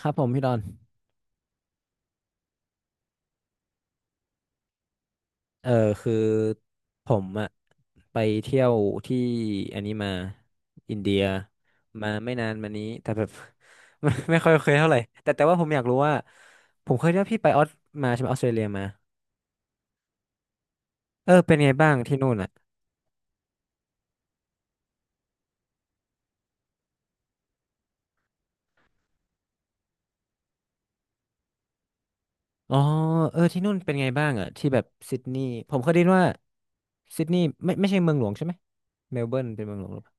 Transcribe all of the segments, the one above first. ครับผมพี่ดอนเออคือผมอะไปเที่ยวที่อันนี้มาอินเดียมาไม่นานมานี้แต่แบบ ไม่ค่อยเคยเท่าไหร่แต่ว่าผมอยากรู้ว่าผมเคยได้พี่ไปออสมาใช่ไหมออสเตรเลียมาเออเป็นไงบ้างที่นู่นอ่ะอ๋อเออที่นู่นเป็นไงบ้างอ่ะที่แบบซิดนีย์ผมเคยได้ยินว่าซิดนีย์ไม่ใช่เมืองหลวงใช่ไหมเมลเบิร์นเป็นเมืองหลวงหรือเปล่า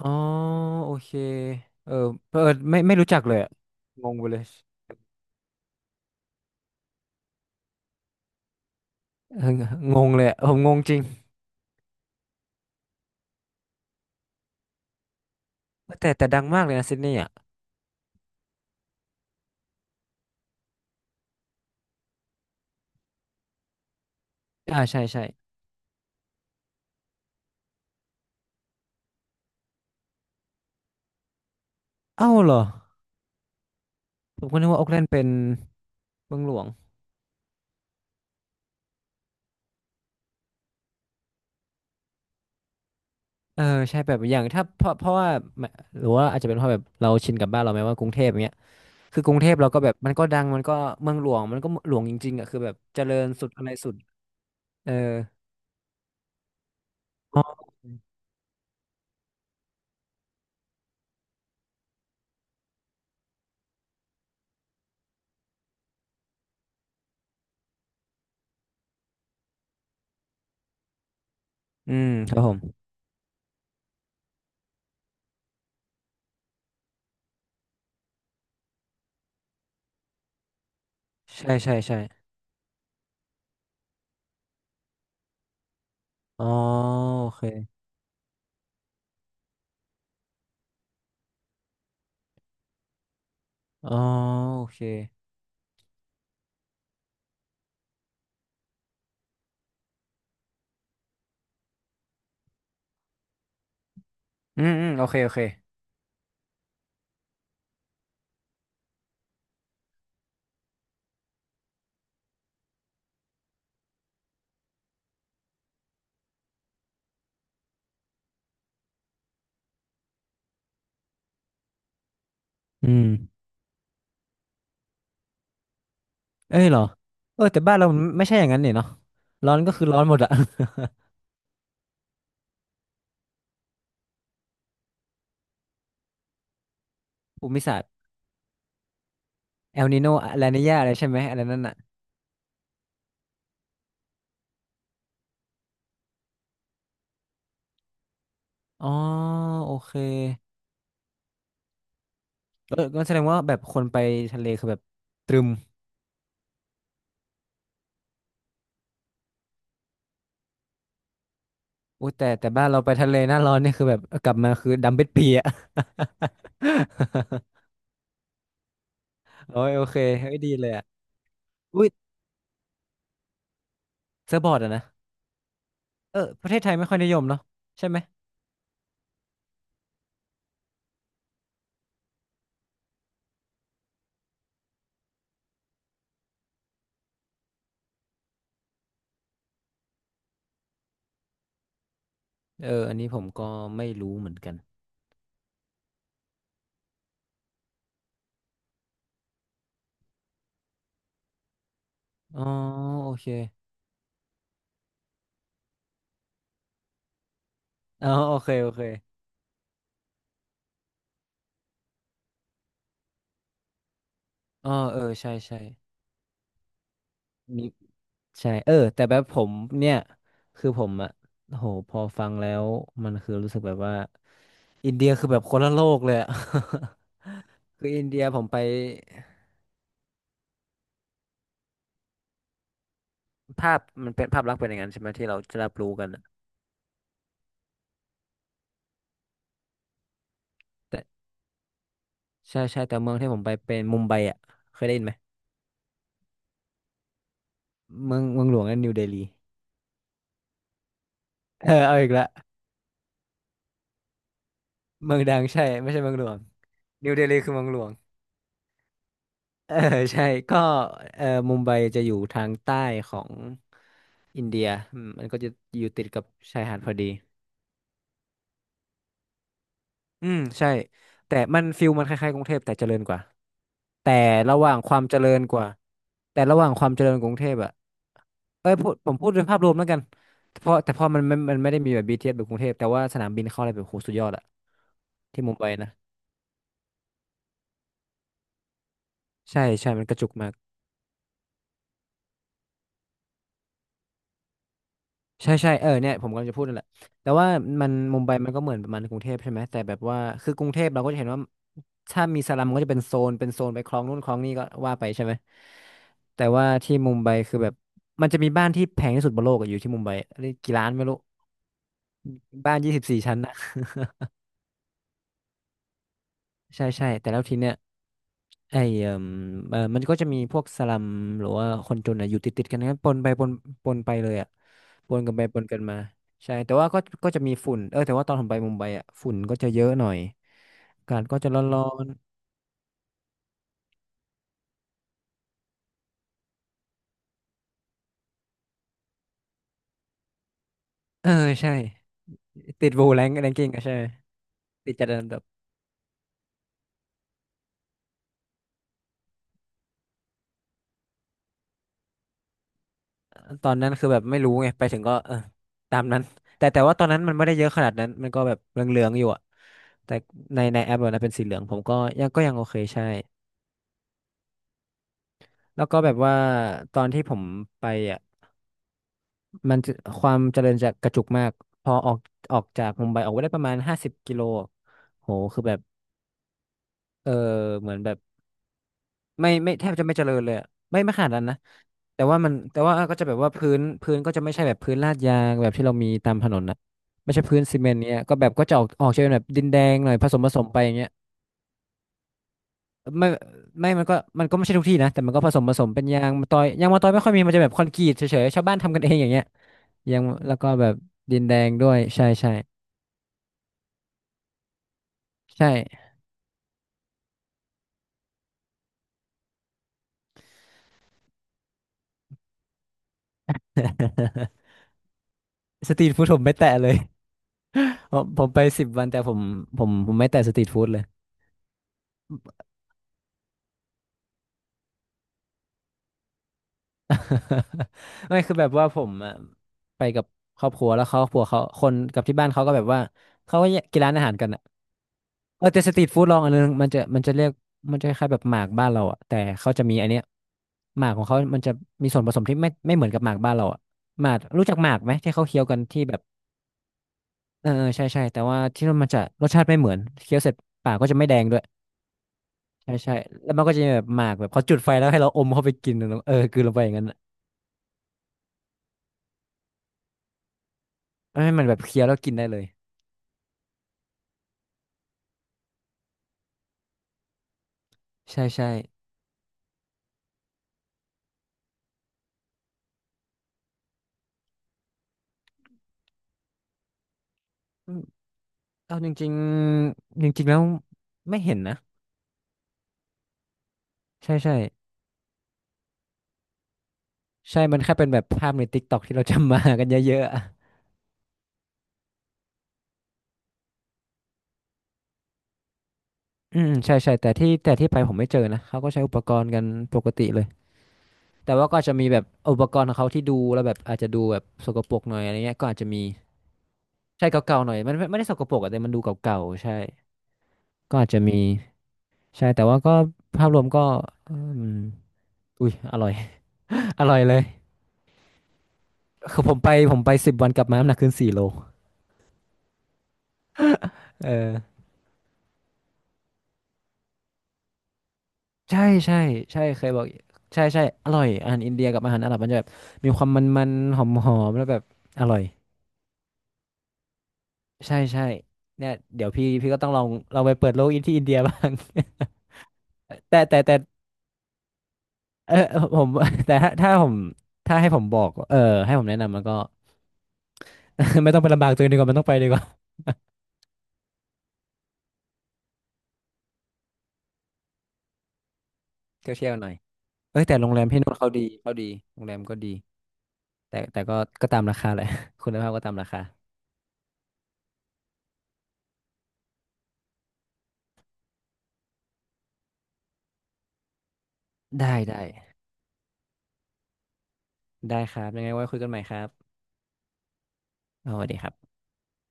อ๋อโอเคเออเออไม่รู้จักเลยอะงงไปเลย เอองงเลยอะผมงงจริงแต่ดังมากเลยนะซิดนีย์อ่ะอ่าใช่ใช่เอ้าเหรอผมก็นึกว่าโอ๊กแลนด์เป็นเมืองหลวงเออใช่แบบอย่างถ้าเพราะว่าแมหรือว่าอาจจะเป็นเพราะแบบเราชินกับบ้านเราไหมว่ากรุงเทพอย่างเงี้ยคือกรุงเทพเราก็แบบมันก็ดังมันก็เมืองหลวงมันก็หลวงจริงๆอ่ะคือแบบเจริญสุดอะไรสุดเอออ๋ออืมครับผมใช่ใช่ใช่อ๋อโอเคอ๋อโอเคอืมอืมโอเคโอเคอืม เอ้ยเหรอเออแต่บ้านเรามันไม่ใช่อย่างนั้นเนี่ยเนาะร้อนก็คือร้อนหมดอะ ภูมิศาสตร์เอลนิโนลานีญาอะไรใช่ไหมอะไรนั่นอะอ๋อโอเคเออก็แสดงว่าแบบคนไปทะเลคือแบบตรึมโอ้ยแต่บ้านเราไปทะเลหน้าร้อนเนี่ยคือแบบกลับมาคือดำเป็ดเปียอะ โอ้ยโอเคเฮ้ยดีเลยอะอุ้ยเซิร์ฟบอร์ดอะนะเออประเทศไทยไม่ค่อยนิยมเนาะใช่ไหมเอออันนี้ผมก็ไม่รู้เหมือนกันอ๋อโอเคอ๋อโอเคโอเคอ๋อเออใช่ใช่มี ใช่เออแต่แบบผมเนี่ยคือผมอะโหพอฟังแล้วมันคือรู้สึกแบบว่าอินเดียคือแบบคนละโลกเลยอะ คืออินเดียผมไปภาพมันเป็นภาพลักษณ์เป็นอย่างนั้นใช่ไหมที่เราจะรับรู้กันอะแต่ใช่ใช่แต่เมืองที่ผมไปเป็นมุมไบอะเคยได้ยินไหมเมืองหลวงนั่นนิวเดลีเออเอาอีกละเมืองดังใช่ไม่ใช่เมืองหลวงนิวเดลีคือเมืองหลวง เออใช่ก็เออมุมไบจะอยู่ทางใต้ของอินเดียอืมมันก็จะอยู่ติดกับชายหาดพอดีอืมใช่แต่มันฟิลมันคล้ายๆกรุงเทพแต่เจริญกว่าแต่ระหว่างความเจริญกว่าแต่ระหว่างความเจริญกรุงเทพอะเอ้ยพูดผมพูดโดยภาพรวมแล้วกันเพราะแต่พอมันไม่มันไม่ได้มีแบบบีทีเ t สแบบกรุงเทพแต่ว่าสนามบินเข้าอะไรแบบโหสุดยอดอะที่มุมไบนะใช่ใช่มันกระจุกมาก ใช่ใช่เออเนี่ยผมกำลังจะพูดนั่นแหละแต่ว่ามันมุมไบมันก็เหมือนประมาณกรุงเทพใช่ไหมแต่แบบว่าคือกรุงเทพเราก็จะเห็นว่าถ้ามีสลัมมันก็จะเป็นโซนเป็นโซนไปคลองนู่นคลองนี่ก็ว่าไปใช่ไหมแต่ว่าที่มุมไบคือแบบมันจะมีบ้านที่แพงที่สุดบนโลกอะอยู่ที่มุมไบเรียกกี่ล้านไม่รู้บ้าน24 ชั้น ใช่ใช่แต่แล้วทีเนี้ยไอ้เอ่มเอ่อมันก็จะมีพวกสลัมหรือว่าคนจนอ่ะอยู่ติดกันนะปนไปปนปนไปเลยอ่ะปนกันไปปนกันมาใช่แต่ว่าก็ก็จะมีฝุ่นเออแต่ว่าตอนผมไปมุมไบอ่ะฝุ่นก็จะเยอะหน่อยอากาศก็จะร้อนๆเออใช่ติดโวแรงแรงกิ้งอ่ะใช่ติดจัดอันดับตอนนั้นคือแบบไม่รู้ไงไปถึงก็เออตามนั้นแต่ว่าตอนนั้นมันไม่ได้เยอะขนาดนั้นมันก็แบบเหลืองๆอยู่อ่ะแต่ในแอปอะนะเป็นสีเหลืองผมก็ยังก็ยังโอเคใช่ แล้วก็แบบว่าตอนที่ผมไปอ่ะมันจะความเจริญจะกระจุกมากพอออกออกจากมุมไบออกไปได้ประมาณ50 กิโลโหคือแบบเออเหมือนแบบไม่แทบจะไม่เจริญเลยอะไม่ขนาดนั้นนะแต่ว่ามันแต่ว่าก็จะแบบว่าพื้นก็จะไม่ใช่แบบพื้นลาดยางแบบที่เรามีตามถนนนะไม่ใช่พื้นซีเมนต์เนี้ยก็แบบก็จะออกออกจะเป็นแบบดินแดงหน่อยผสมผสมไปอย่างเงี้ย ไม่ไม่มันก็มันก็ไม่ใช่ทุกที่นะแต่มันก็ผสมผสมเป็นยางมะตอยยางมะตอยไม่ค่อยมีมันจะแบบคอนกรีตเฉยๆชาวบ้านทำกันเองอย่างเงี้ยยางแล้วก็แบบดินแดงด้วยใช่ใช่ใช่ สตรีทฟู้ดผมไม่แตะเลยผมไปสิบวันแต่ผมไม่แตะสตรีทฟู้ดเลย ไม่คือแบบว่าผมอะไปกับครอบครัวแล้วครอบครัวเขาคนกับที่บ้านเขาก็แบบว่าเขาก็แยกกินร้านอาหารกันอะ เออแต่สตรีทฟู้ดลองอันนึงมันจะคล้ายๆแบบหมากบ้านเราอะแต่เขาจะมีอันเนี้ยหมากของเขามันจะมีส่วนผสมที่ไม่เหมือนกับหมากบ้านเราอะหมากรู้จักหมากไหมที่เขาเคี้ยวกันที่แบบเออเออใช่ใช่แต่ว่าที่นั่นมันจะรสชาติไม่เหมือนเคี้ยวเสร็จปากก็จะไม่แดงด้วยใช่ใช่แล้วมันก็จะมีแบบหมากแบบเขาจุดไฟแล้วให้เราอมเข้าไปกินเนอะเออกลืนลงไปอย่างนั้นอะให้มันแบบเคี้ยวแล้วกินได้เลยใช่ใช่อืมเอาจริงๆจริงๆแล้วไม่เห็นนะใช่ใช่ใช่มันแค่เป็นแบบภาพในติ๊กต็อกที่เราจำมากันเยอะๆอะ อืมใช่ใช่แต่ที่ไปผมไม่เจอนะเขาก็ใช้อุปกรณ์กันปกติเลยแต่ว่าก็จะมีแบบอุปกรณ์ของเขาที่ดูแล้วแบบอาจจะดูแบบสกปรกหน่อยอะไรเงี้ยก็อาจจะมีใช่เก่าๆหน่อยมันไม่ได้สกปรกอะแต่มันดูเก่าๆใช่ก็อาจจะมีใช่แต่ว่าก็ภาพรวมก็อืมอุ้ยอร่อย อร่อยเลยคือผมไปสิบวันกลับมาน้ำหนักขึ้น4 โลเออใช่ใช่ใช่เคยบอกใช่ใช่อร่อยอาหารอินเดียกับอาหารอาหรับมันจะแบบมีความมันๆหอมๆแล้วแบบอร่อย ใช่ใช่เนี่ยเดี๋ยวพี่ก็ต้องลองลองไปเปิดโลกอินที่อินเดียบ้าง แต่เออผม แต่ถ้าให้ผมบอกเออให้ผมแนะนำมันก็ ไม่ต้องไปลำบากตัวเองดีกว่ามันต้องไปดีกว่า เที่ยวเที่ยวหน่อยเอ้ยแต่โรงแรมพี่นู่นเขาดีเขาดีโรงแรมก็ดีแต่ก็ตามราคาแหละ คุณภาพก็ตามราคาได้ได้ได้ครับยังไงไว้คุยกันใหม่ครับสวัสดีครับ